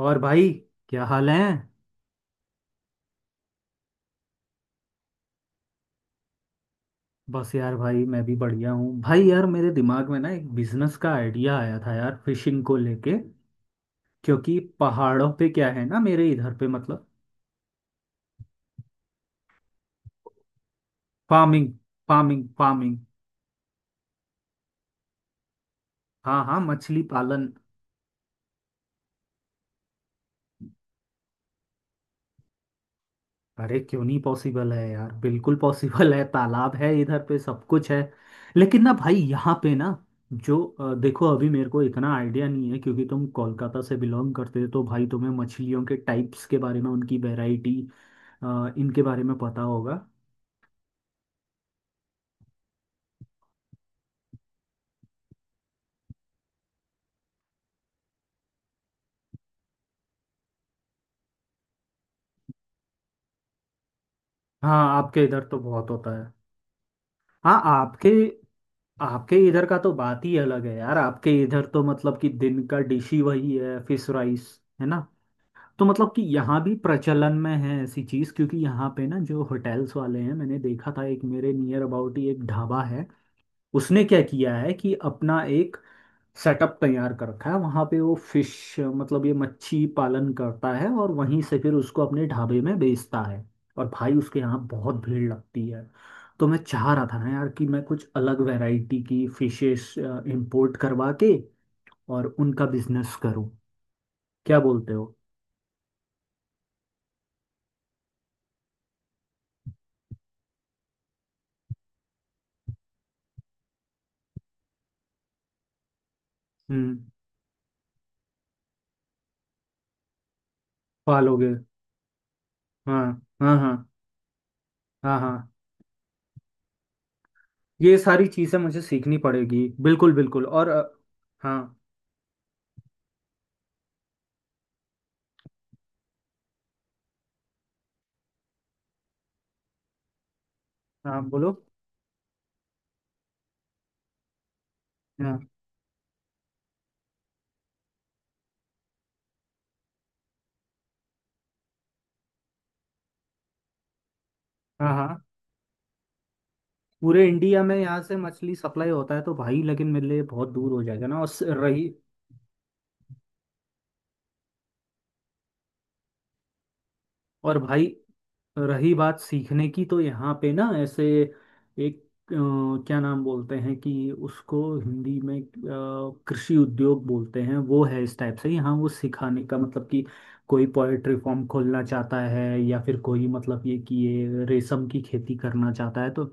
और भाई, क्या हाल है। बस यार भाई, मैं भी बढ़िया हूँ भाई। यार, मेरे दिमाग में ना एक बिजनेस का आइडिया आया था यार, फिशिंग को लेके। क्योंकि पहाड़ों पे क्या है ना, मेरे इधर पे, मतलब। फार्मिंग। Farming farming. हाँ हाँ, मछली पालन। अरे क्यों नहीं पॉसिबल है यार, बिल्कुल पॉसिबल है। तालाब है इधर पे, सब कुछ है। लेकिन ना भाई, यहाँ पे ना, जो देखो, अभी मेरे को इतना आइडिया नहीं है, क्योंकि तुम कोलकाता से बिलोंग करते हो, तो भाई तुम्हें मछलियों के टाइप्स के बारे में, उनकी वैरायटी, हाँ, इनके बारे में पता होगा। हाँ, आपके इधर तो बहुत होता है। हाँ आपके आपके इधर का तो बात ही अलग है यार, आपके इधर तो मतलब कि दिन का डिश ही वही है, फिश राइस, है ना। तो मतलब कि यहाँ भी प्रचलन में है ऐसी चीज़, क्योंकि यहाँ पे ना जो होटल्स वाले हैं, मैंने देखा था, एक मेरे नियर अबाउट ही एक ढाबा है। उसने क्या किया है कि अपना एक सेटअप तैयार कर रखा है वहां पे, वो फिश, मतलब ये मच्छी पालन करता है, और वहीं से फिर उसको अपने ढाबे में बेचता है। और भाई उसके यहाँ बहुत भीड़ लगती है। तो मैं चाह रहा था ना यार, कि मैं कुछ अलग वैरायटी की फिशेस इंपोर्ट करवा के और उनका बिजनेस करूं। क्या बोलते हो। हम्म। पालोगे। हाँ, हाँ, हाँ, हाँ, हाँ। ये सारी चीजें मुझे सीखनी पड़ेगी, बिल्कुल बिल्कुल, और हाँ हाँ, बोलो। हाँ, हाँ, हाँ। पूरे इंडिया में यहाँ से मछली सप्लाई होता है तो भाई, लेकिन मेरे लिए बहुत दूर हो जाएगा ना, और रही। और भाई, रही बात सीखने की, तो यहाँ पे ना ऐसे एक अ, क्या नाम बोलते हैं, कि उसको हिंदी में कृषि उद्योग बोलते हैं। वो है इस टाइप से यहाँ, वो सिखाने का, मतलब कि कोई पोएट्री फॉर्म खोलना चाहता है, या फिर कोई, मतलब ये कि ये रेशम की खेती करना चाहता है तो।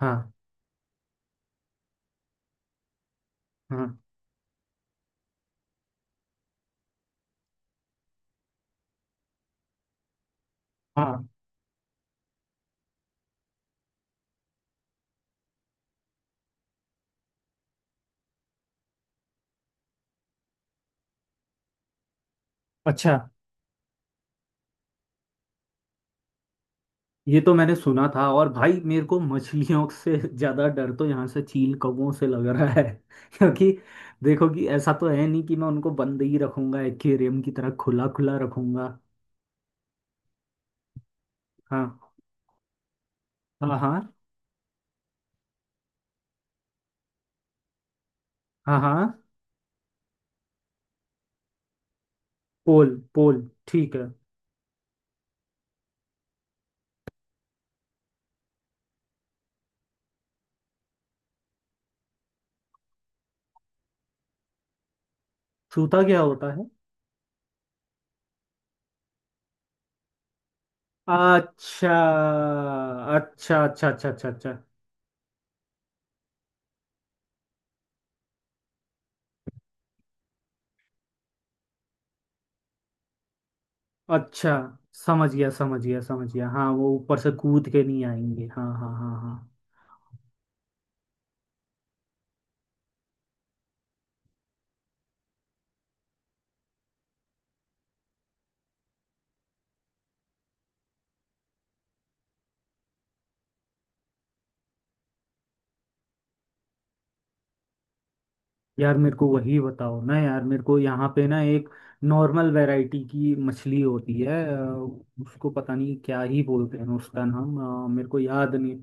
हाँ, हाँ, हाँ। अच्छा, ये तो मैंने सुना था। और भाई, मेरे को मछलियों से ज्यादा डर तो यहाँ से चील कौवों से लग रहा है क्योंकि देखो, कि ऐसा तो है नहीं कि मैं उनको बंद ही रखूंगा, एक्वेरियम की तरह, खुला खुला रखूंगा। हाँ, हाँ, हाँ, हाँ, हाँ। पोल पोल। ठीक है। सूता क्या होता है। अच्छा, अच्छा, अच्छा, अच्छा, अच्छा, अच्छा, अच्छा, समझ गया, समझ गया, समझ गया। हाँ, वो ऊपर से कूद के नहीं आएंगे, हाँ, हाँ, हाँ, हाँ। यार मेरे को वही बताओ ना, यार मेरे को यहाँ पे ना एक नॉर्मल वैरायटी की मछली होती है उसको पता नहीं क्या ही बोलते हैं उसका नाम, मेरे को याद नहीं।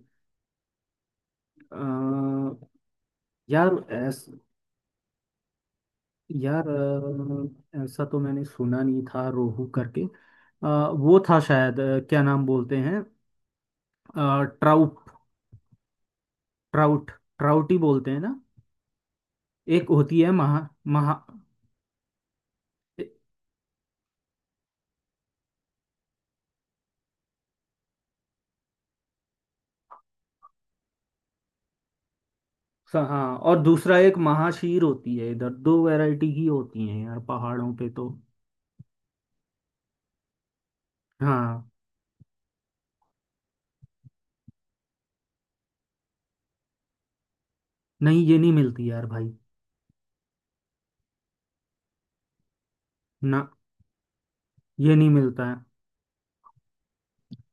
अ, यार ऐस, यार ऐसा तो मैंने सुना नहीं था रोहू करके। वो था शायद, क्या नाम बोलते हैं, ट्राउट, ट्राउट, ट्राउट ही बोलते हैं ना। एक होती है महा महा, हाँ, और दूसरा एक महाशीर होती है इधर। दो वैरायटी ही होती है यार पहाड़ों पे तो। हाँ। नहीं, ये नहीं मिलती यार भाई। ना, ये नहीं मिलता है।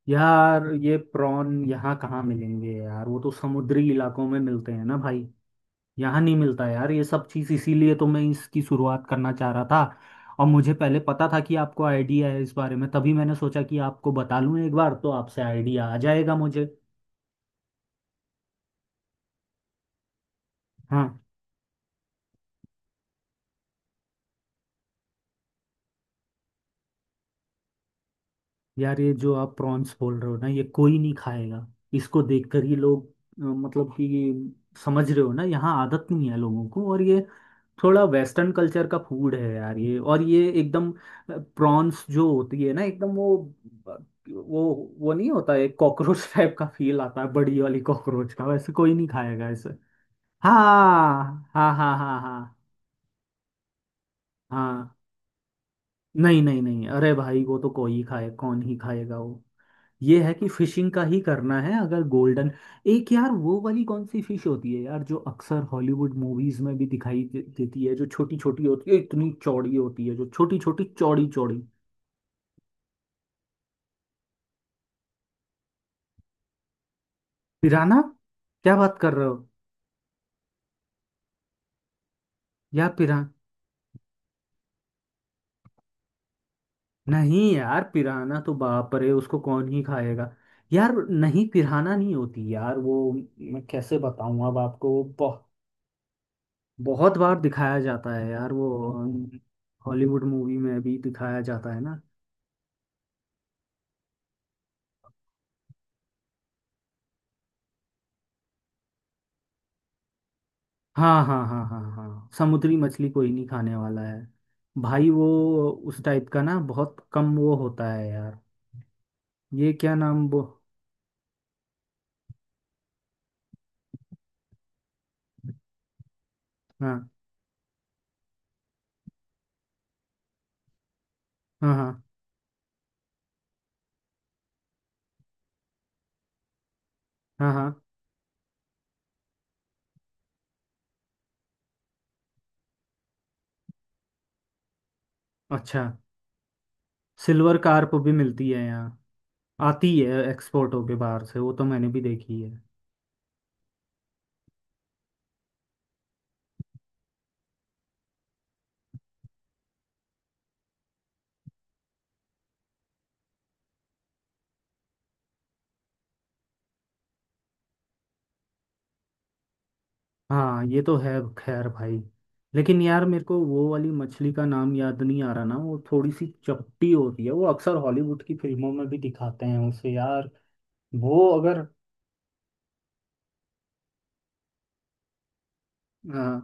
यार ये प्रॉन यहाँ कहाँ मिलेंगे यार, वो तो समुद्री इलाकों में मिलते हैं ना भाई। यहाँ नहीं मिलता यार ये सब चीज़, इसीलिए तो मैं इसकी शुरुआत करना चाह रहा था। और मुझे पहले पता था कि आपको आइडिया है इस बारे में, तभी मैंने सोचा कि आपको बता लूँ एक बार, तो आपसे आइडिया आ जाएगा मुझे। हाँ। यार ये जो आप प्रॉन्स बोल रहे हो ना, ये कोई नहीं खाएगा। इसको देखकर ही लोग, मतलब कि, समझ रहे हो ना, यहाँ आदत नहीं है लोगों को, और ये थोड़ा वेस्टर्न कल्चर का फूड है यार ये, और ये एकदम, प्रॉन्स जो होती है ना, एकदम वो वो नहीं होता है, कॉकरोच टाइप का फील आता है, बड़ी वाली कॉकरोच का। वैसे कोई नहीं खाएगा इसे। हाँ, हाँ, हाँ, हाँ, हाँ, हाँ, नहीं, नहीं, नहीं, अरे भाई वो तो कोई ही खाए, कौन ही खाएगा वो। ये है कि फिशिंग का ही करना है अगर, गोल्डन, एक यार वो वाली कौन सी फिश होती है यार, जो अक्सर हॉलीवुड मूवीज में भी दिखाई देती है, जो छोटी छोटी होती है, इतनी चौड़ी होती है, जो छोटी छोटी चौड़ी चौड़ी। पिराना, क्या बात कर रहे हो। यार पिरा, नहीं यार, पिराना तो बाप रे, उसको कौन ही खाएगा। यार नहीं, पिराना नहीं होती यार वो। मैं कैसे बताऊं अब आपको, वो बहुत बहुत बार दिखाया जाता है यार वो, हॉलीवुड मूवी में भी दिखाया जाता है ना। हाँ, हाँ, हाँ, हाँ, हाँ, समुद्री मछली कोई नहीं खाने वाला है भाई वो, उस टाइप का ना बहुत कम वो होता है यार। ये क्या नाम वो। हाँ, हाँ, हाँ, हाँ, हाँ। अच्छा, सिल्वर कार्प भी मिलती है यहाँ, आती है एक्सपोर्ट होके बाहर से, वो तो मैंने भी देखी है। हाँ, ये तो है। खैर भाई, लेकिन यार मेरे को वो वाली मछली का नाम याद नहीं आ रहा ना, वो थोड़ी सी चपटी होती है, वो अक्सर हॉलीवुड की फिल्मों में भी दिखाते हैं उसे यार। वो अगर, हाँ,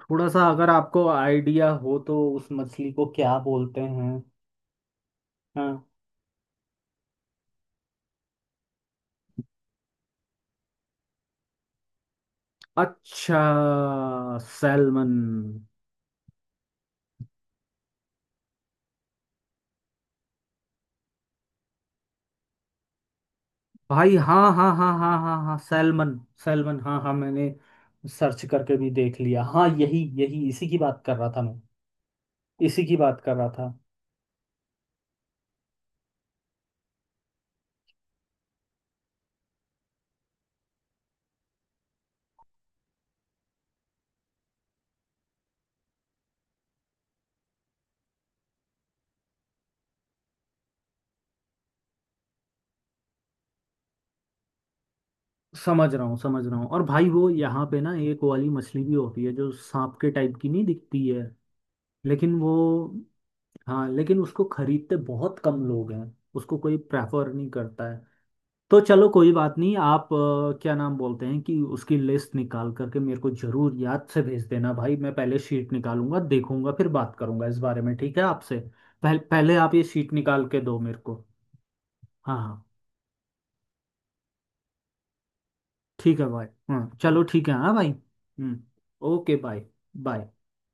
थोड़ा सा अगर आपको आइडिया हो तो, उस मछली को क्या बोलते हैं। हाँ। अच्छा, सैलमन। भाई, हाँ, हाँ, हाँ, हाँ, हाँ, हाँ, सैलमन, सैलमन, हाँ हाँ, मैंने सर्च करके भी देख लिया, हाँ, यही यही, इसी की बात कर रहा था मैं, इसी की बात कर रहा था। समझ रहा हूँ, समझ रहा हूँ। और भाई, वो यहाँ पे ना एक वाली मछली भी होती है जो सांप के टाइप की नहीं दिखती है, लेकिन वो, हाँ, लेकिन उसको खरीदते बहुत कम लोग हैं, उसको कोई प्रेफर नहीं करता है। तो चलो कोई बात नहीं, आप क्या नाम बोलते हैं, कि उसकी लिस्ट निकाल करके मेरे को जरूर याद से भेज देना भाई। मैं पहले शीट निकालूंगा, देखूंगा, फिर बात करूंगा इस बारे में, ठीक है आपसे। पहले पहले आप ये शीट निकाल के दो मेरे को। हाँ, हाँ, ठीक है भाई, हाँ, चलो ठीक है, हाँ भाई, हम्म। Okay, bye. बाय।